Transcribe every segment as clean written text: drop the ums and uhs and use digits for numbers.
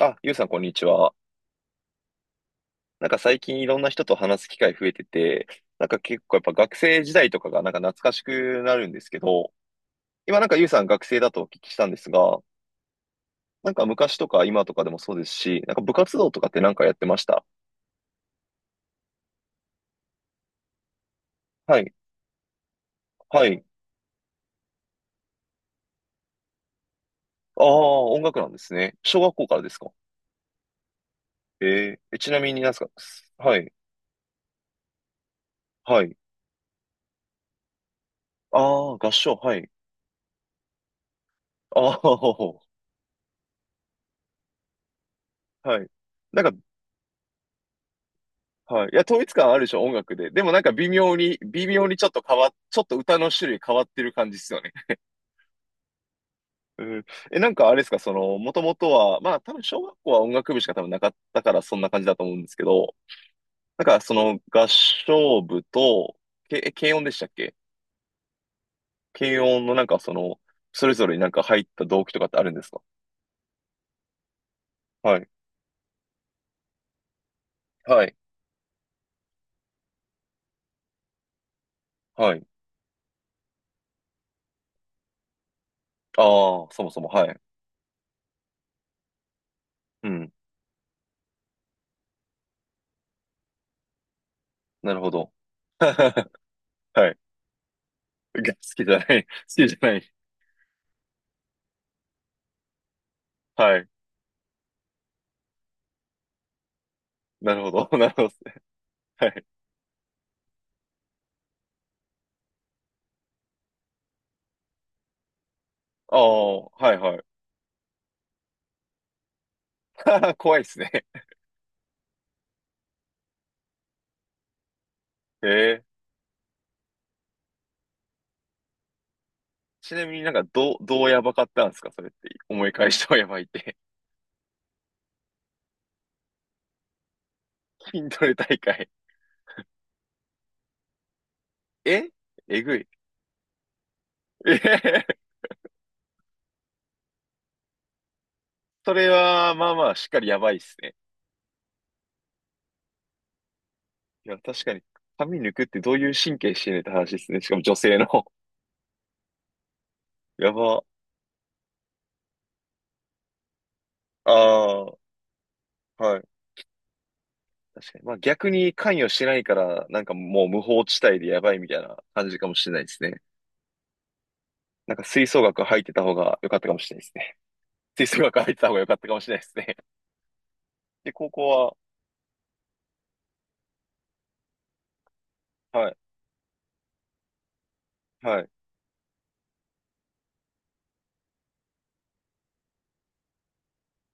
あ、ゆうさん、こんにちは。最近いろんな人と話す機会増えてて、結構やっぱ学生時代とかが懐かしくなるんですけど、今ゆうさん学生だとお聞きしたんですが、昔とか今とかでもそうですし、部活動とかってやってました？はい、はい。ああ、音楽なんですね。小学校からですか？えちなみになんですかはい、はい。ああ、合唱、はい。ああ、はい。なんかはい。いや、統一感あるでしょ、音楽で。でも微妙に、微妙にちょっと変わっ、ちょっと歌の種類変わってる感じですよね。うん。え、あれですか、その、もともとは、まあ多分小学校は音楽部しか多分なかったからそんな感じだと思うんですけど、その合唱部と、軽音でしたっけ？軽音のそれぞれに入った動機とかってあるんですか？はい。はい。はい。ああ、そもそも、はい。うん。なるほど。はい。が好きじゃない。好きじゃない。はい。なるほど。なるほど。はい。ああ、はいはい。怖いですね。へえ。ちなみに、どう、どうやばかったんですかそれって。思い返してもやばいって。筋トレ大会。え、えぐい。えへへ。それは、まあまあ、しっかりやばいっすね。いや、確かに、髪抜くってどういう神経してんねんって話ですね。しかも女性の。やば。ああ、はい。確かに。まあ逆に関与してないから、もう無法地帯でやばいみたいな感じかもしれないですね。吹奏楽入ってた方が良かったかもしれないですね。吹奏楽入ってた方が良かったかもしれないですね。で、高校は、はい、はい。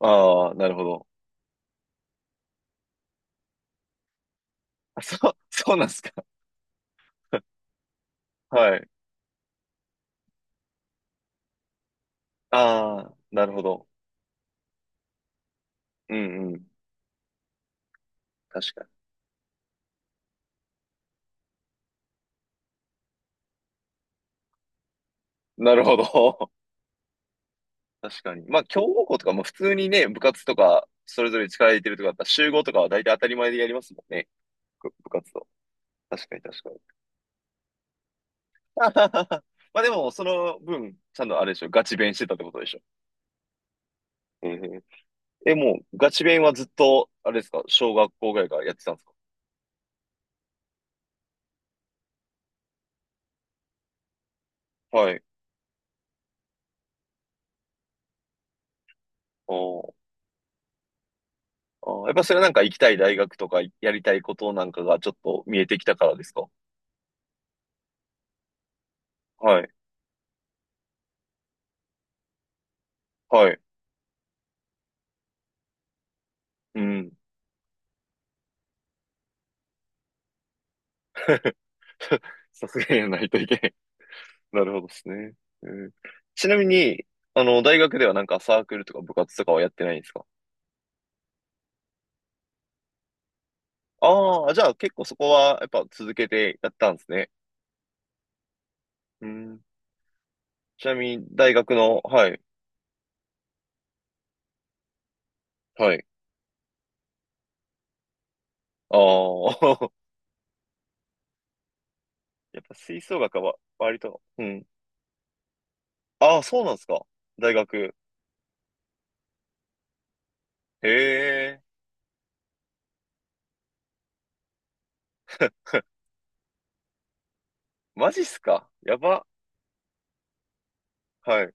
ああ、なるほど。あそう、そうなんですか。はい。ああ、なるほど。うんうん。確かに。なるほど。確かに。まあ、強豪校とかも普通にね、部活とか、それぞれ力入れてるとかだったら、集合とかは大体当たり前でやりますもんね。部活と。確かに確かに。まあでも、その分、ちゃんとあれでしょ、ガチ勉してたってことでしょ。え、え、もう、ガチ勉はずっと、あれですか、小学校ぐらいからやってたんですか？はい。ああ。ああ、やっぱそれは行きたい大学とかやりたいことがちょっと見えてきたからですか？はい。はい。うん。さすがにやらないといけない。なるほどですね。うん。ちなみに、あの、大学ではサークルとか部活とかはやってないんですか？ああ、じゃあ結構そこはやっぱ続けてやったんですね。うん。ちなみに大学の、はい。はい。ああ、やっぱ吹奏楽は割と、うん。ああ、そうなんですか。大学。へえ。マジっすか。やば。はい。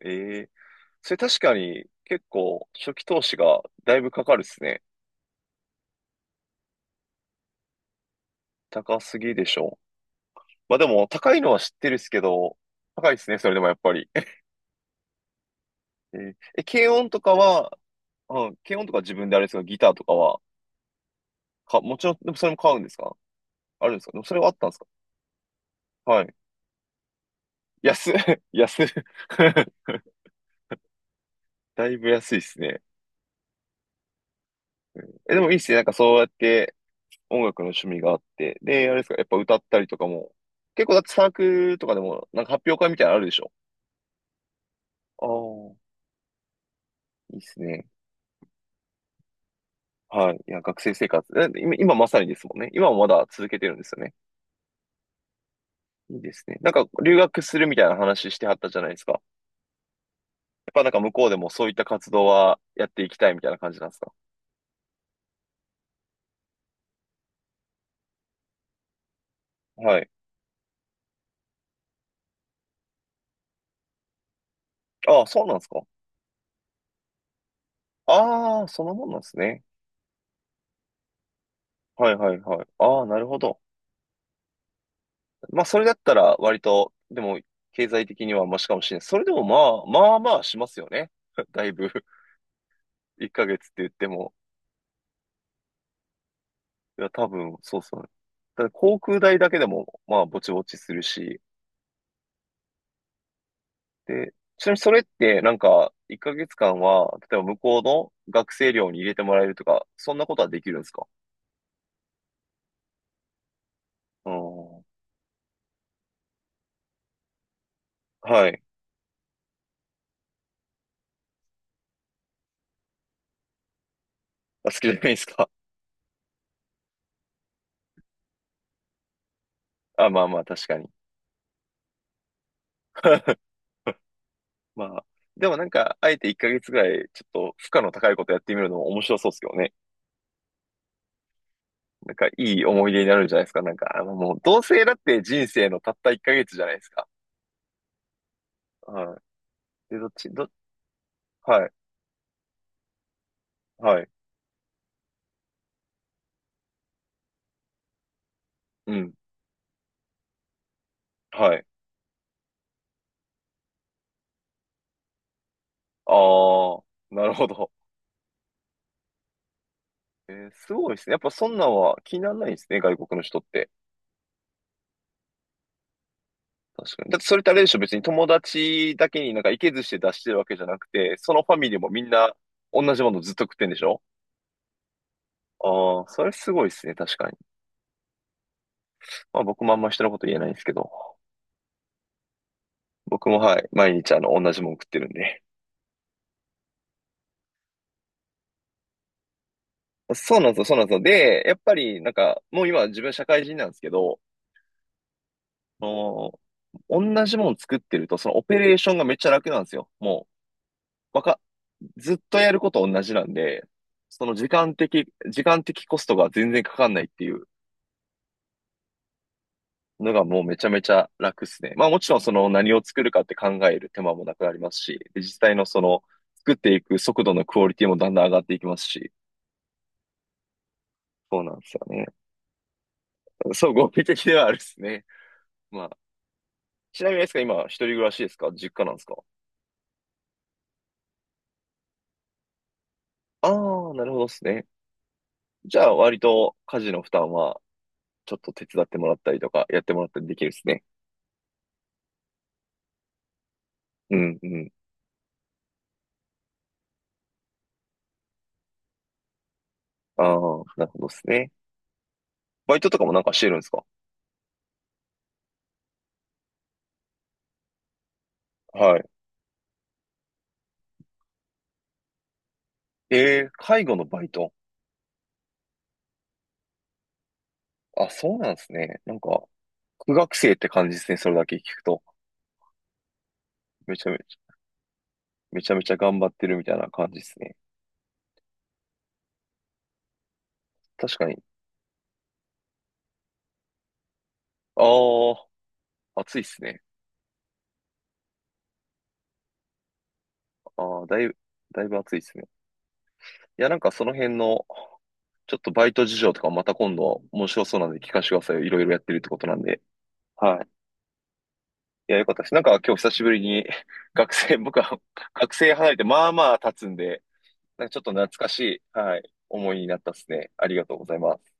ええ、それ確かに結構初期投資がだいぶかかるですね。高すぎでしょ。まあでも高いのは知ってるっすけど、高いですね、それでもやっぱり。えーえ、軽音とかは、うん、軽音とか自分であれですか、ギターとかは、か、もちろん、でもそれも買うんですか？あるんですか？でもそれはあったんですか？はい。安い、安い。 だいぶ安いですね。え、でもいいっすね。そうやって音楽の趣味があって。で、あれですか、やっぱ歌ったりとかも。結構だってサークルとかでも、発表会みたいなのあるでしょ？ああー、いいっすね。はい。いや、学生生活。え、今今まさにですもんね。今もまだ続けてるんですよね。いいですね。留学するみたいな話してはったじゃないですか。やっぱ向こうでもそういった活動はやっていきたいみたいな感じなんですか？はい。ああ、そうなんですか？ああそのもんなんですね。はいはいはい。ああ、なるほど。まあ、それだったら割と、でも、経済的にはマシかもしれない。それでもまあ、まあまあしますよね。だいぶ。1ヶ月って言っても。いや、多分、そうそう。ただ航空代だけでも、まあ、ぼちぼちするし、で、ちなみにそれって1ヶ月間は、例えば向こうの学生寮に入れてもらえるとか、そんなことはできるんですか？うん。はい。あ、好きじゃないですか。あ、まあまあ確かに。まあ。でも、あえて1ヶ月ぐらい、ちょっと負荷の高いことやってみるのも面白そうですけどね。いい思い出になるんじゃないですか。あのもう、同性だって人生のたった1ヶ月じゃないですか。はい。で、どっち、ど、はい、はい、うん、はい。ああ、なるほど。えーすごいですね。やっぱそんなんは気にならないんですね、外国の人って。確かに。だってそれってあれでしょ、別に友達だけにいけずして出してるわけじゃなくて、そのファミリーもみんな同じものずっと食ってんでしょ？ああ、それすごいですね、確かに。まあ僕もあんま人のこと言えないんですけど、僕もはい、毎日あの同じもの食ってるんで。そうなんですよ、そうなんですよ。で、やっぱり、もう今自分社会人なんですけど、あの同じもの作ってると、そのオペレーションがめっちゃ楽なんですよ。もう、わか、ずっとやること同じなんで、その時間的コストが全然かかんないっていうのがもうめちゃめちゃ楽っすね。まあもちろんその何を作るかって考える手間もなくなりますし、で実際のその作っていく速度のクオリティもだんだん上がっていきますし、そうなんですよね。そう、合理的ではあるっすね。まあ、ちなみにですか、今一人暮らしですか実家なんですか？ああー、なるほどっすね。じゃあ割と家事の負担はちょっと手伝ってもらったりとか、やってもらったりできるっすね。うんうん。ああ、なるほどっすね。バイトとかもしてるんですか？はい。えー、介護のバイト。あ、そうなんですね。苦学生って感じですね。それだけ聞くと。めちゃめちゃ、めちゃめちゃ頑張ってるみたいな感じですね。確かに。ああ、暑いっすね。ああ、だいぶ、だいぶ暑いっすね。いや、その辺の、ちょっとバイト事情とかまた今度面白そうなんで聞かせてくださいよ。いろいろやってるってことなんで。はい。いや、よかったです。今日久しぶりに 学生、僕は 学生離れてまあまあ経つんで、ちょっと懐かしい、はい、思いになったですね。ありがとうございます。